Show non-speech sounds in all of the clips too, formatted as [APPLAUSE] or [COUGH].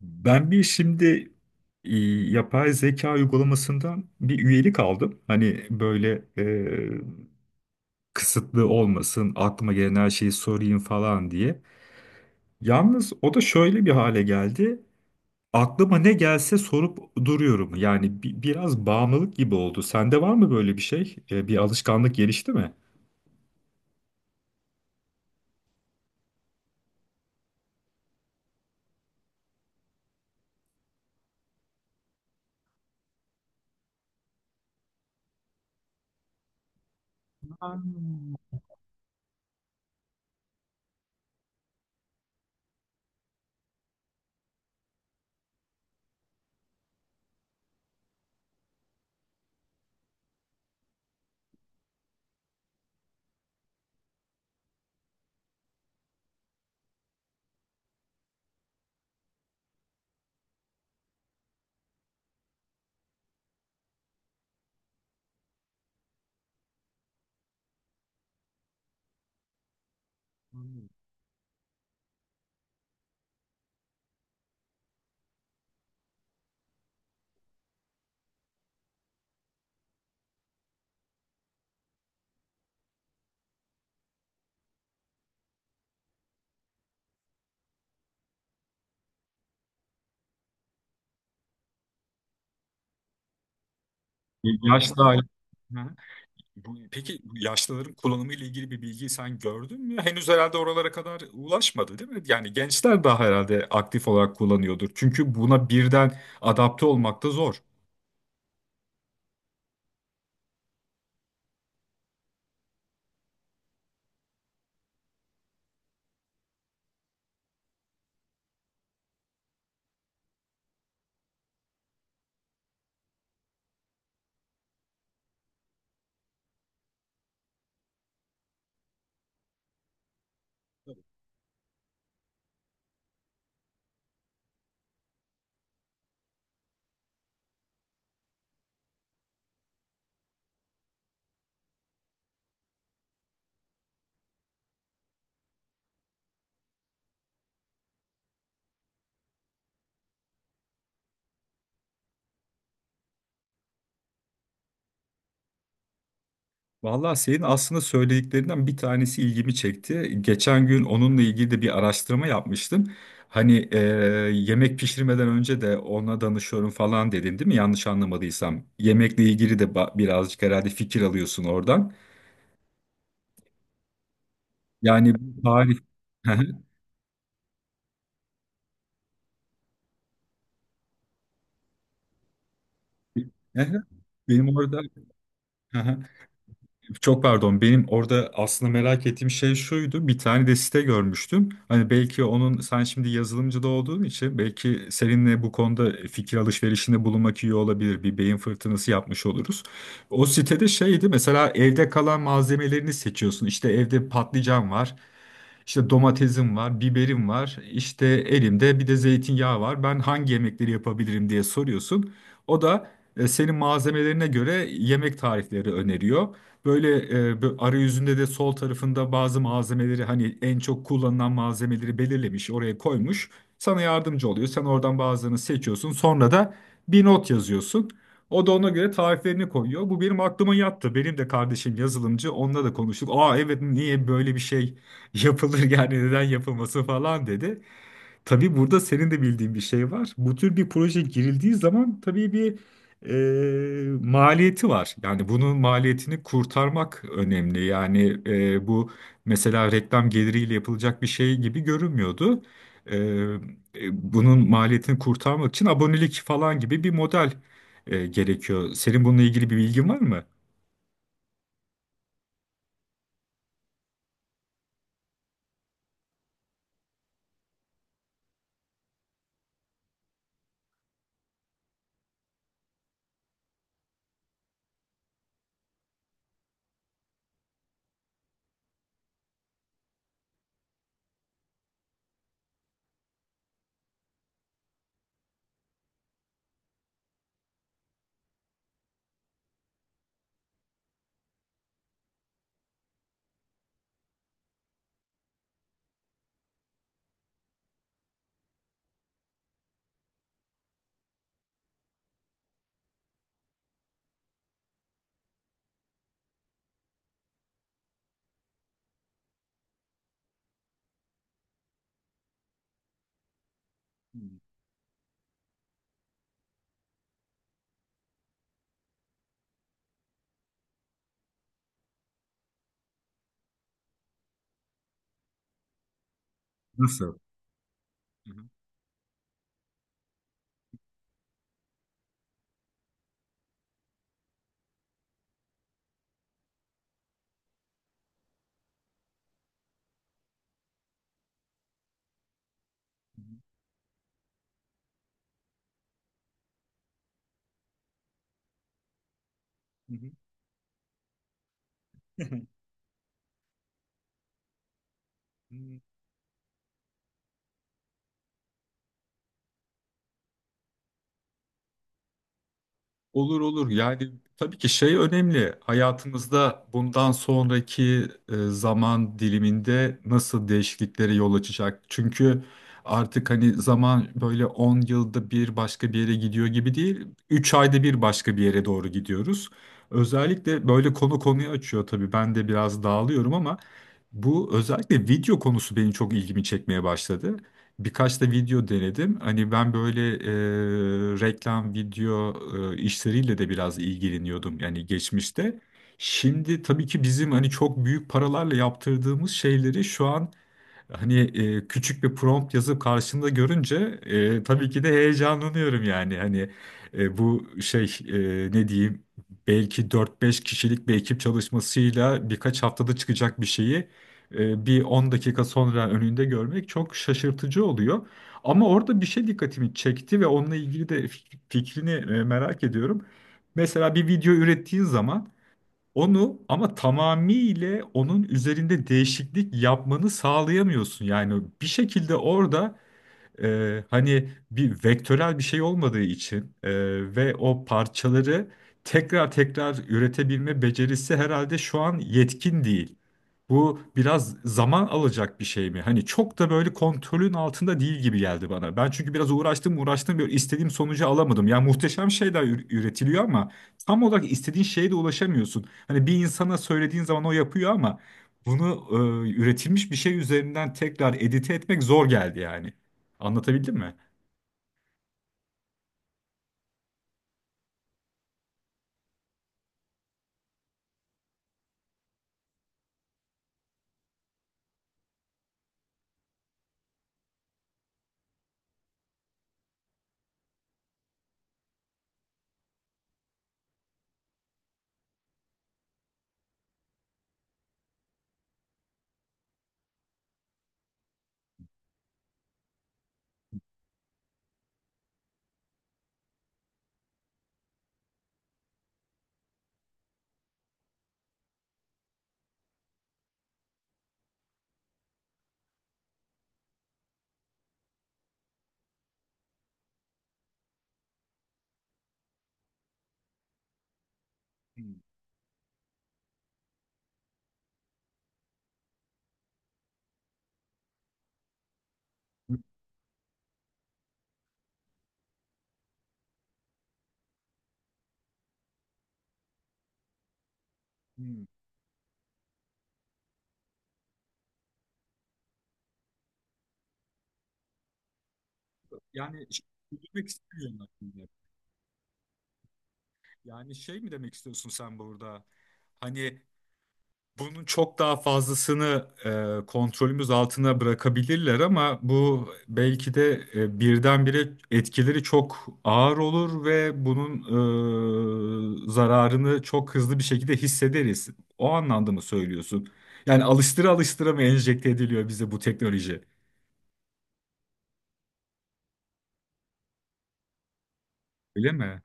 Ben bir şimdi e, yapay zeka uygulamasından bir üyelik aldım. Hani böyle kısıtlı olmasın, aklıma gelen her şeyi sorayım falan diye. Yalnız o da şöyle bir hale geldi. Aklıma ne gelse sorup duruyorum. Yani biraz bağımlılık gibi oldu. Sende var mı böyle bir şey? Bir alışkanlık gelişti mi? Yaşlı Y- Bu, peki bu yaşlıların kullanımı ile ilgili bir bilgi sen gördün mü? Henüz herhalde oralara kadar ulaşmadı, değil mi? Yani gençler daha herhalde aktif olarak kullanıyordur. Çünkü buna birden adapte olmak da zor. Vallahi senin aslında söylediklerinden bir tanesi ilgimi çekti. Geçen gün onunla ilgili de bir araştırma yapmıştım. Hani yemek pişirmeden önce de ona danışıyorum falan dedin, değil mi? Yanlış anlamadıysam. Yemekle ilgili de birazcık herhalde fikir alıyorsun oradan. Yani bu tarif [LAUGHS] Aha, benim orada [LAUGHS] aha, çok pardon, benim orada aslında merak ettiğim şey şuydu, bir tane de site görmüştüm, hani belki onun, sen şimdi yazılımcı da olduğun için belki seninle bu konuda fikir alışverişinde bulunmak iyi olabilir, bir beyin fırtınası yapmış oluruz. O sitede şeydi mesela: evde kalan malzemelerini seçiyorsun. İşte evde patlıcan var, işte domatesim var, biberim var, işte elimde bir de zeytinyağı var, ben hangi yemekleri yapabilirim diye soruyorsun. O da senin malzemelerine göre yemek tarifleri öneriyor. Böyle arayüzünde de sol tarafında bazı malzemeleri, hani en çok kullanılan malzemeleri belirlemiş, oraya koymuş. Sana yardımcı oluyor. Sen oradan bazılarını seçiyorsun. Sonra da bir not yazıyorsun. O da ona göre tariflerini koyuyor. Bu benim aklıma yattı. Benim de kardeşim yazılımcı. Onunla da konuştuk. Aa, evet, niye böyle bir şey yapılır [LAUGHS] yani neden yapılması falan dedi. Tabii burada senin de bildiğin bir şey var. Bu tür bir proje girildiği zaman tabii bir maliyeti var. Yani bunun maliyetini kurtarmak önemli. Yani bu mesela reklam geliriyle yapılacak bir şey gibi görünmüyordu. E, Bunun maliyetini kurtarmak için abonelik falan gibi bir model gerekiyor. Senin bununla ilgili bir bilgin var mı? Nasıl? Hı hı, hı hı, hı hı. [LAUGHS] Olur olur, yani tabii ki şey önemli: hayatımızda bundan sonraki zaman diliminde nasıl değişikliklere yol açacak. Çünkü artık hani zaman böyle 10 yılda bir başka bir yere gidiyor gibi değil. 3 ayda bir başka bir yere doğru gidiyoruz. Özellikle böyle konu konuyu açıyor, tabii ben de biraz dağılıyorum, ama bu özellikle video konusu benim çok ilgimi çekmeye başladı. Birkaç da video denedim. Hani ben böyle reklam, video işleriyle de biraz ilgileniyordum yani, geçmişte. Şimdi tabii ki bizim hani çok büyük paralarla yaptırdığımız şeyleri şu an, hani küçük bir prompt yazıp karşında görünce tabii ki de heyecanlanıyorum yani. Hani bu şey, ne diyeyim, belki 4-5 kişilik bir ekip çalışmasıyla birkaç haftada çıkacak bir şeyi bir 10 dakika sonra önünde görmek çok şaşırtıcı oluyor. Ama orada bir şey dikkatimi çekti ve onunla ilgili de fikrini merak ediyorum. Mesela bir video ürettiğin zaman onu, ama tamamıyla onun üzerinde değişiklik yapmanı sağlayamıyorsun. Yani bir şekilde orada hani bir vektörel bir şey olmadığı için, ve o parçaları tekrar tekrar üretebilme becerisi herhalde şu an yetkin değil. Bu biraz zaman alacak bir şey mi? Hani çok da böyle kontrolün altında değil gibi geldi bana. Ben çünkü biraz uğraştım uğraştım, böyle istediğim sonucu alamadım. Yani muhteşem şeyler üretiliyor ama tam olarak istediğin şeye de ulaşamıyorsun. Hani bir insana söylediğin zaman o yapıyor, ama bunu üretilmiş bir şey üzerinden tekrar edite etmek zor geldi yani. Anlatabildim mi? Hmm. Hmm. Yani şey, üzülmek istemiyorum aslında. Yani şey mi demek istiyorsun sen burada? Hani bunun çok daha fazlasını kontrolümüz altına bırakabilirler, ama bu belki de birdenbire etkileri çok ağır olur ve bunun zararını çok hızlı bir şekilde hissederiz. O anlamda mı söylüyorsun? Yani alıştıra alıştıra mı enjekte ediliyor bize bu teknoloji? Öyle mi?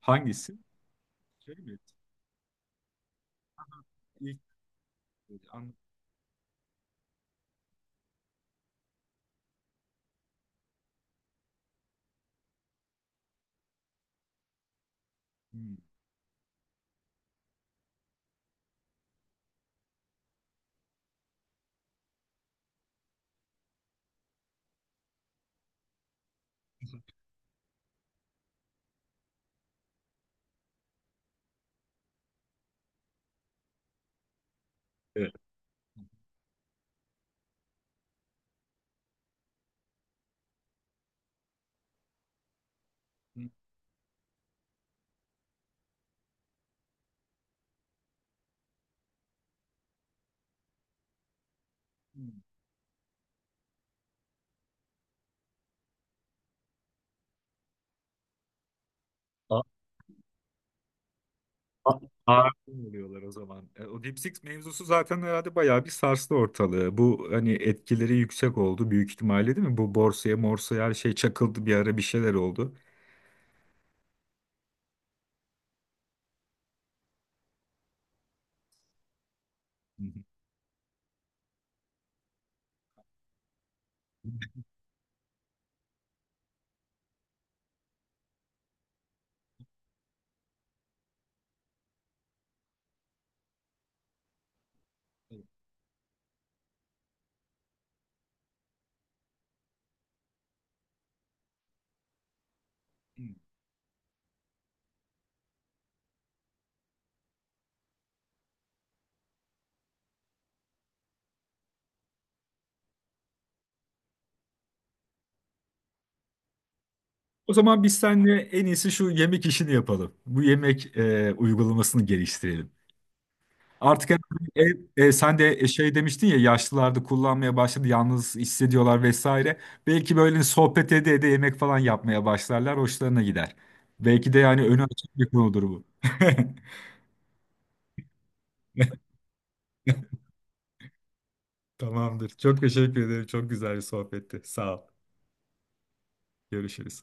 Hangisi? Şey mi? Aha, İlk an. Hmm. Evet. Hmm. Hmm. A- a- Oluyorlar o zaman. O Deep Six mevzusu zaten herhalde bayağı bir sarstı ortalığı. Bu hani etkileri yüksek oldu büyük ihtimalle, değil mi? Bu borsaya morsaya her şey çakıldı bir ara, bir şeyler oldu. Hı hı. O zaman biz seninle en iyisi şu yemek işini yapalım. Bu yemek uygulamasını geliştirelim. Artık sen de şey demiştin ya, yaşlılarda kullanmaya başladı, yalnız hissediyorlar vesaire. Belki böyle sohbet ede ede yemek falan yapmaya başlarlar, hoşlarına gider. Belki de yani önü açık bir konudur bu. [LAUGHS] Tamamdır. Çok teşekkür ederim. Çok güzel bir sohbetti. Sağ ol. Görüşürüz.